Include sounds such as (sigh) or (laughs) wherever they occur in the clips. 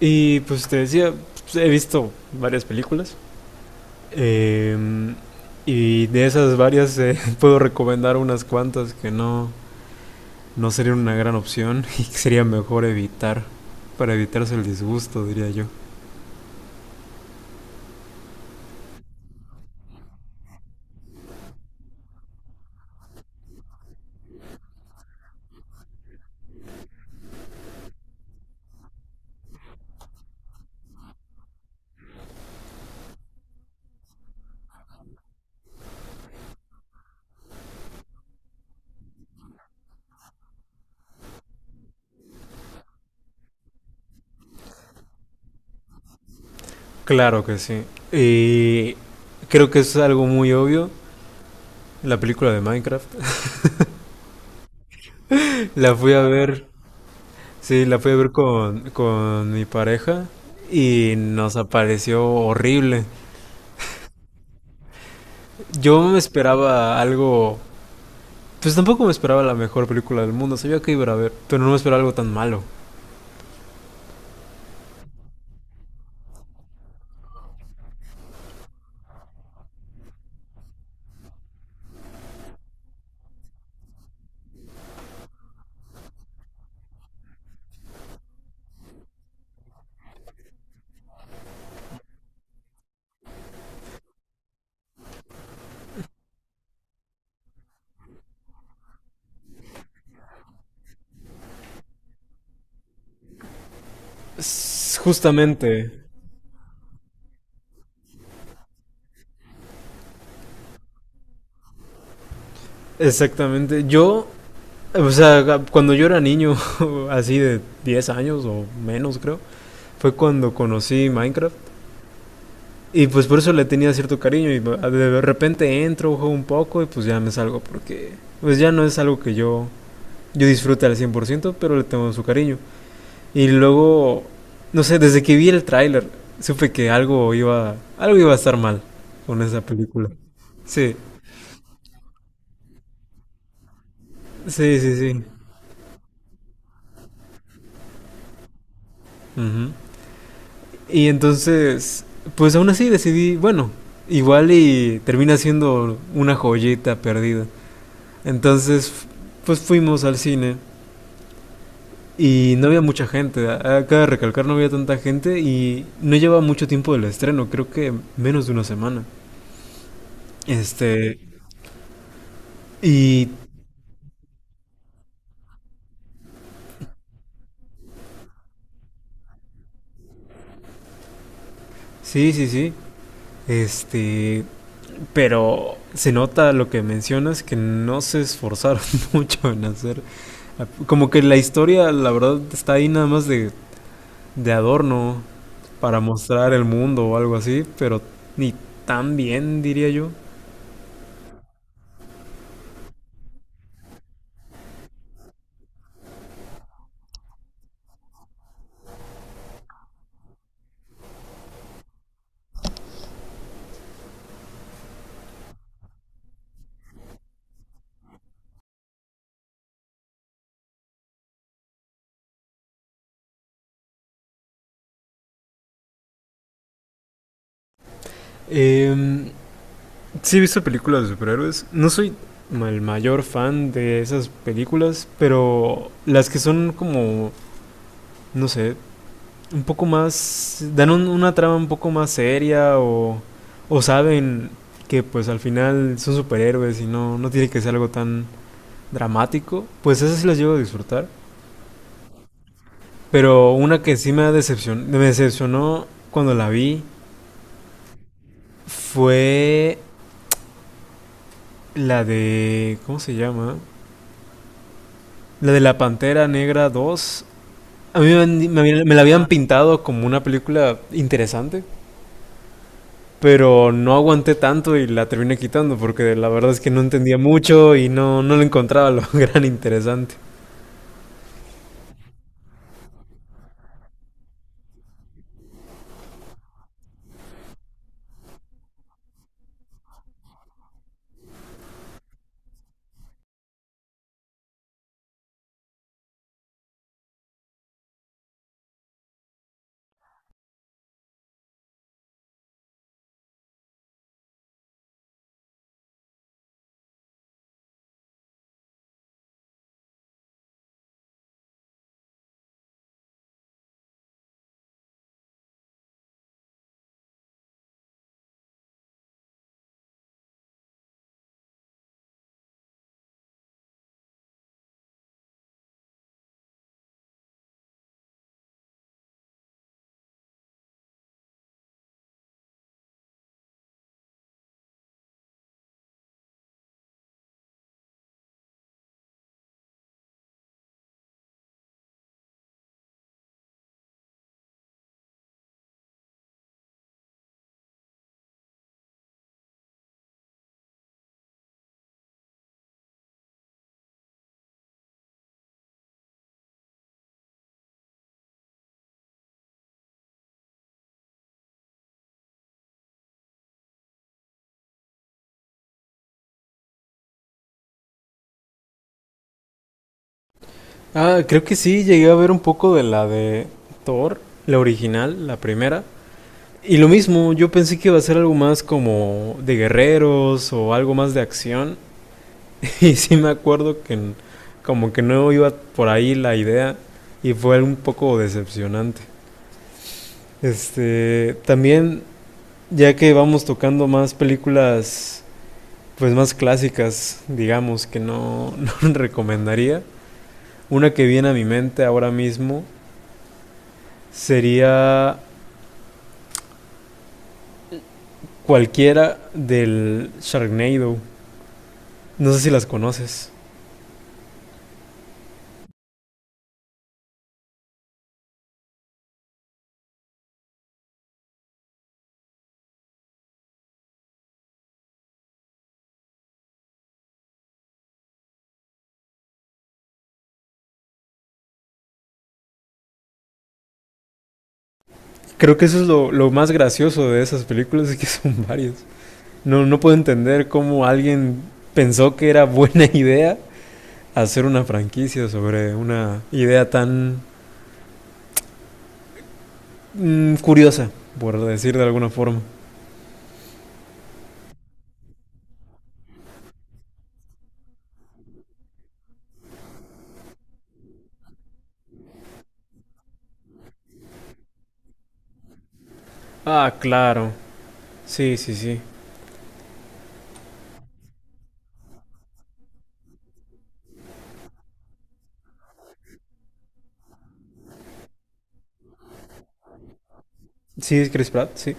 Y pues te decía, pues, he visto varias películas. eh, y de esas varias (laughs) puedo recomendar unas cuantas que no serían una gran opción (laughs) y que sería mejor evitar. Para evitarse el disgusto, diría yo. Claro que sí. Y creo que es algo muy obvio. La película de Minecraft. (laughs) La fui a ver. Sí, la fui a ver con mi pareja. Y nos apareció horrible. Yo me esperaba algo. Pues tampoco me esperaba la mejor película del mundo, sabía que iba a ver, pero no me esperaba algo tan malo. Justamente, exactamente. O sea, cuando yo era niño, (laughs) así de 10 años o menos creo, fue cuando conocí Minecraft. Y pues por eso le tenía cierto cariño y de repente entro, juego un poco y pues ya me salgo porque pues ya no es algo que yo disfrute al 100%, pero le tengo su cariño. Y luego, no sé, desde que vi el tráiler, supe que algo iba a estar mal con esa película. Sí, sí, sí, sí. Ujú. Y entonces, pues aún así decidí, bueno, igual y termina siendo una joyita perdida. Entonces, pues fuimos al cine y no había mucha gente. Acaba de recalcar, no había tanta gente y no llevaba mucho tiempo del estreno, creo que menos de una semana. Este, y sí, sí, sí. Este, pero se nota lo que mencionas que no se esforzaron (laughs) mucho en hacer. Como que la historia, la verdad, está ahí nada más de adorno para mostrar el mundo o algo así, pero ni tan bien, diría yo. Eh, sí he visto películas de superhéroes. No soy el mayor fan de esas películas, pero las que son como, no sé, un poco más, dan una trama un poco más seria o saben que pues al final son superhéroes y no tiene que ser algo tan dramático, pues esas sí las llego a disfrutar. Pero una que sí me decepcionó cuando la vi fue la de, ¿cómo se llama? La de la Pantera Negra dos. A mí me la habían pintado como una película interesante, pero no aguanté tanto y la terminé quitando porque la verdad es que no entendía mucho y no le encontraba lo (laughs) gran interesante. Ah, creo que sí, llegué a ver un poco de la de Thor, la original, la primera. Y lo mismo, yo pensé que iba a ser algo más como de guerreros o algo más de acción. (laughs) Y sí me acuerdo como que no iba por ahí la idea y fue un poco decepcionante. Este, también, ya que vamos tocando más películas. Pues más clásicas, digamos, que no (laughs) recomendaría. Una que viene a mi mente ahora mismo sería cualquiera del Sharknado. No sé si las conoces. Creo que eso es lo más gracioso de esas películas, es que (laughs) son varias. No puedo entender cómo alguien pensó que era buena (laughs) idea hacer una franquicia sobre una idea tan curiosa, por decir de alguna forma. Ah, claro. Sí, sí, sí. Sí, es Chris Pratt, sí.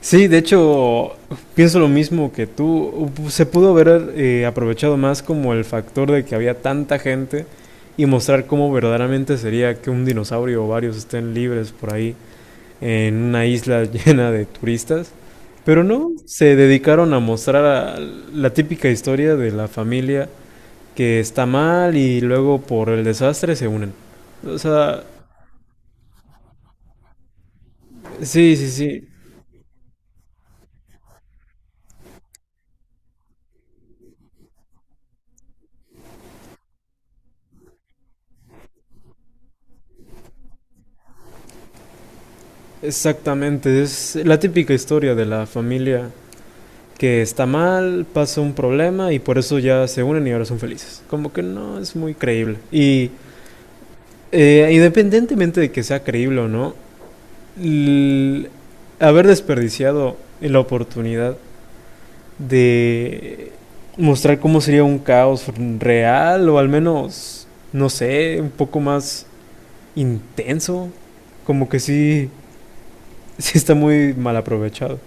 Sí, de hecho, pienso lo mismo que tú. Se pudo haber aprovechado más como el factor de que había tanta gente y mostrar cómo verdaderamente sería que un dinosaurio o varios estén libres por ahí en una isla (laughs) llena de turistas. Pero no, se dedicaron a mostrar a la típica historia de la familia que está mal y luego por el desastre se unen. O sea, sí, sí, sí, exactamente. Es la típica historia de la familia que está mal, pasa un problema y por eso ya se unen y ahora son felices. Como que no es muy creíble. Y independientemente de que sea creíble o no, haber desperdiciado la oportunidad de mostrar cómo sería un caos real o al menos, no sé, un poco más intenso, como que sí, sí está muy mal aprovechado.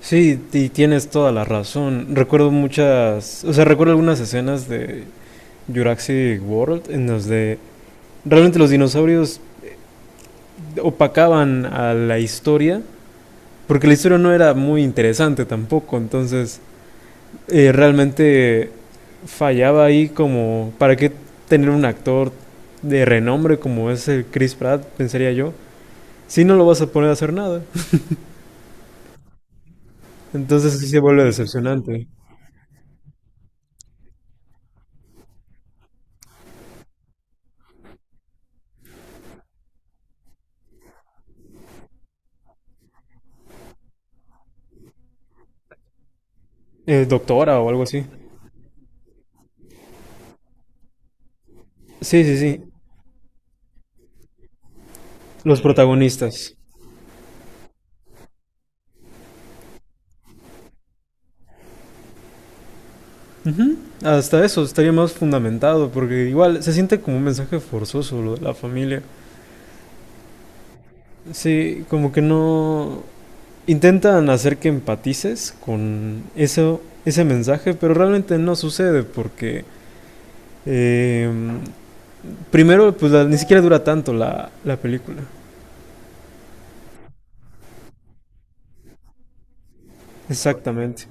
Sí, y tienes toda la razón. Recuerdo muchas, o sea, recuerdo algunas escenas de Jurassic World en donde realmente los dinosaurios opacaban a la historia, porque la historia no era muy interesante tampoco, entonces realmente fallaba ahí como, ¿para qué tener un actor de renombre como es el Chris Pratt, pensaría yo? Si no lo vas a poner a hacer nada, (laughs) entonces sí se vuelve decepcionante. Doctora o algo así. Sí, sí, sí. Los protagonistas. Ujú. Hasta eso estaría más fundamentado, porque igual se siente como un mensaje forzoso lo de la familia. Sí, como que no intentan hacer que empatices con eso, ese mensaje, pero realmente no sucede porque eh, primero, pues ni siquiera dura tanto la película. Exactamente.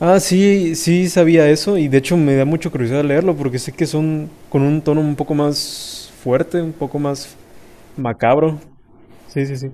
Ah, sí, sí sabía eso y de hecho me da mucha curiosidad leerlo porque sé que son con un tono un poco más fuerte, un poco más macabro. Sí, sí, sí.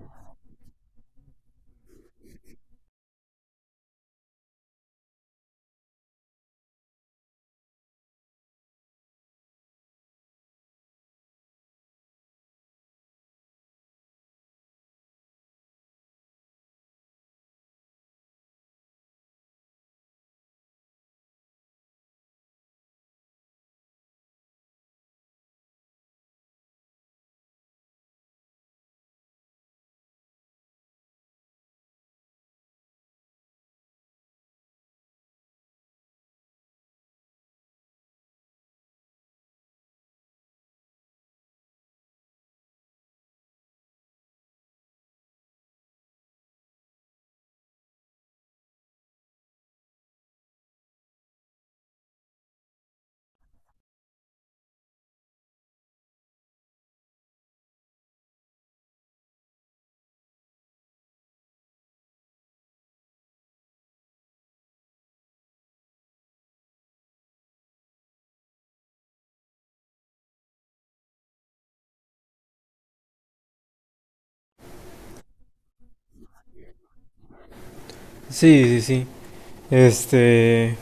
Sí, sí, sí. Este.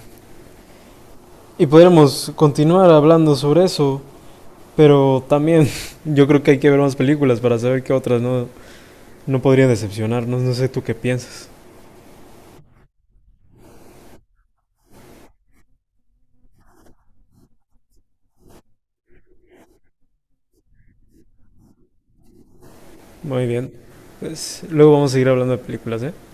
Y podríamos continuar hablando sobre eso, pero también (laughs) yo creo que hay que ver más películas para saber qué otras no podrían decepcionarnos. No sé tú qué piensas. Muy bien. Pues luego vamos a seguir hablando de películas, ¿eh?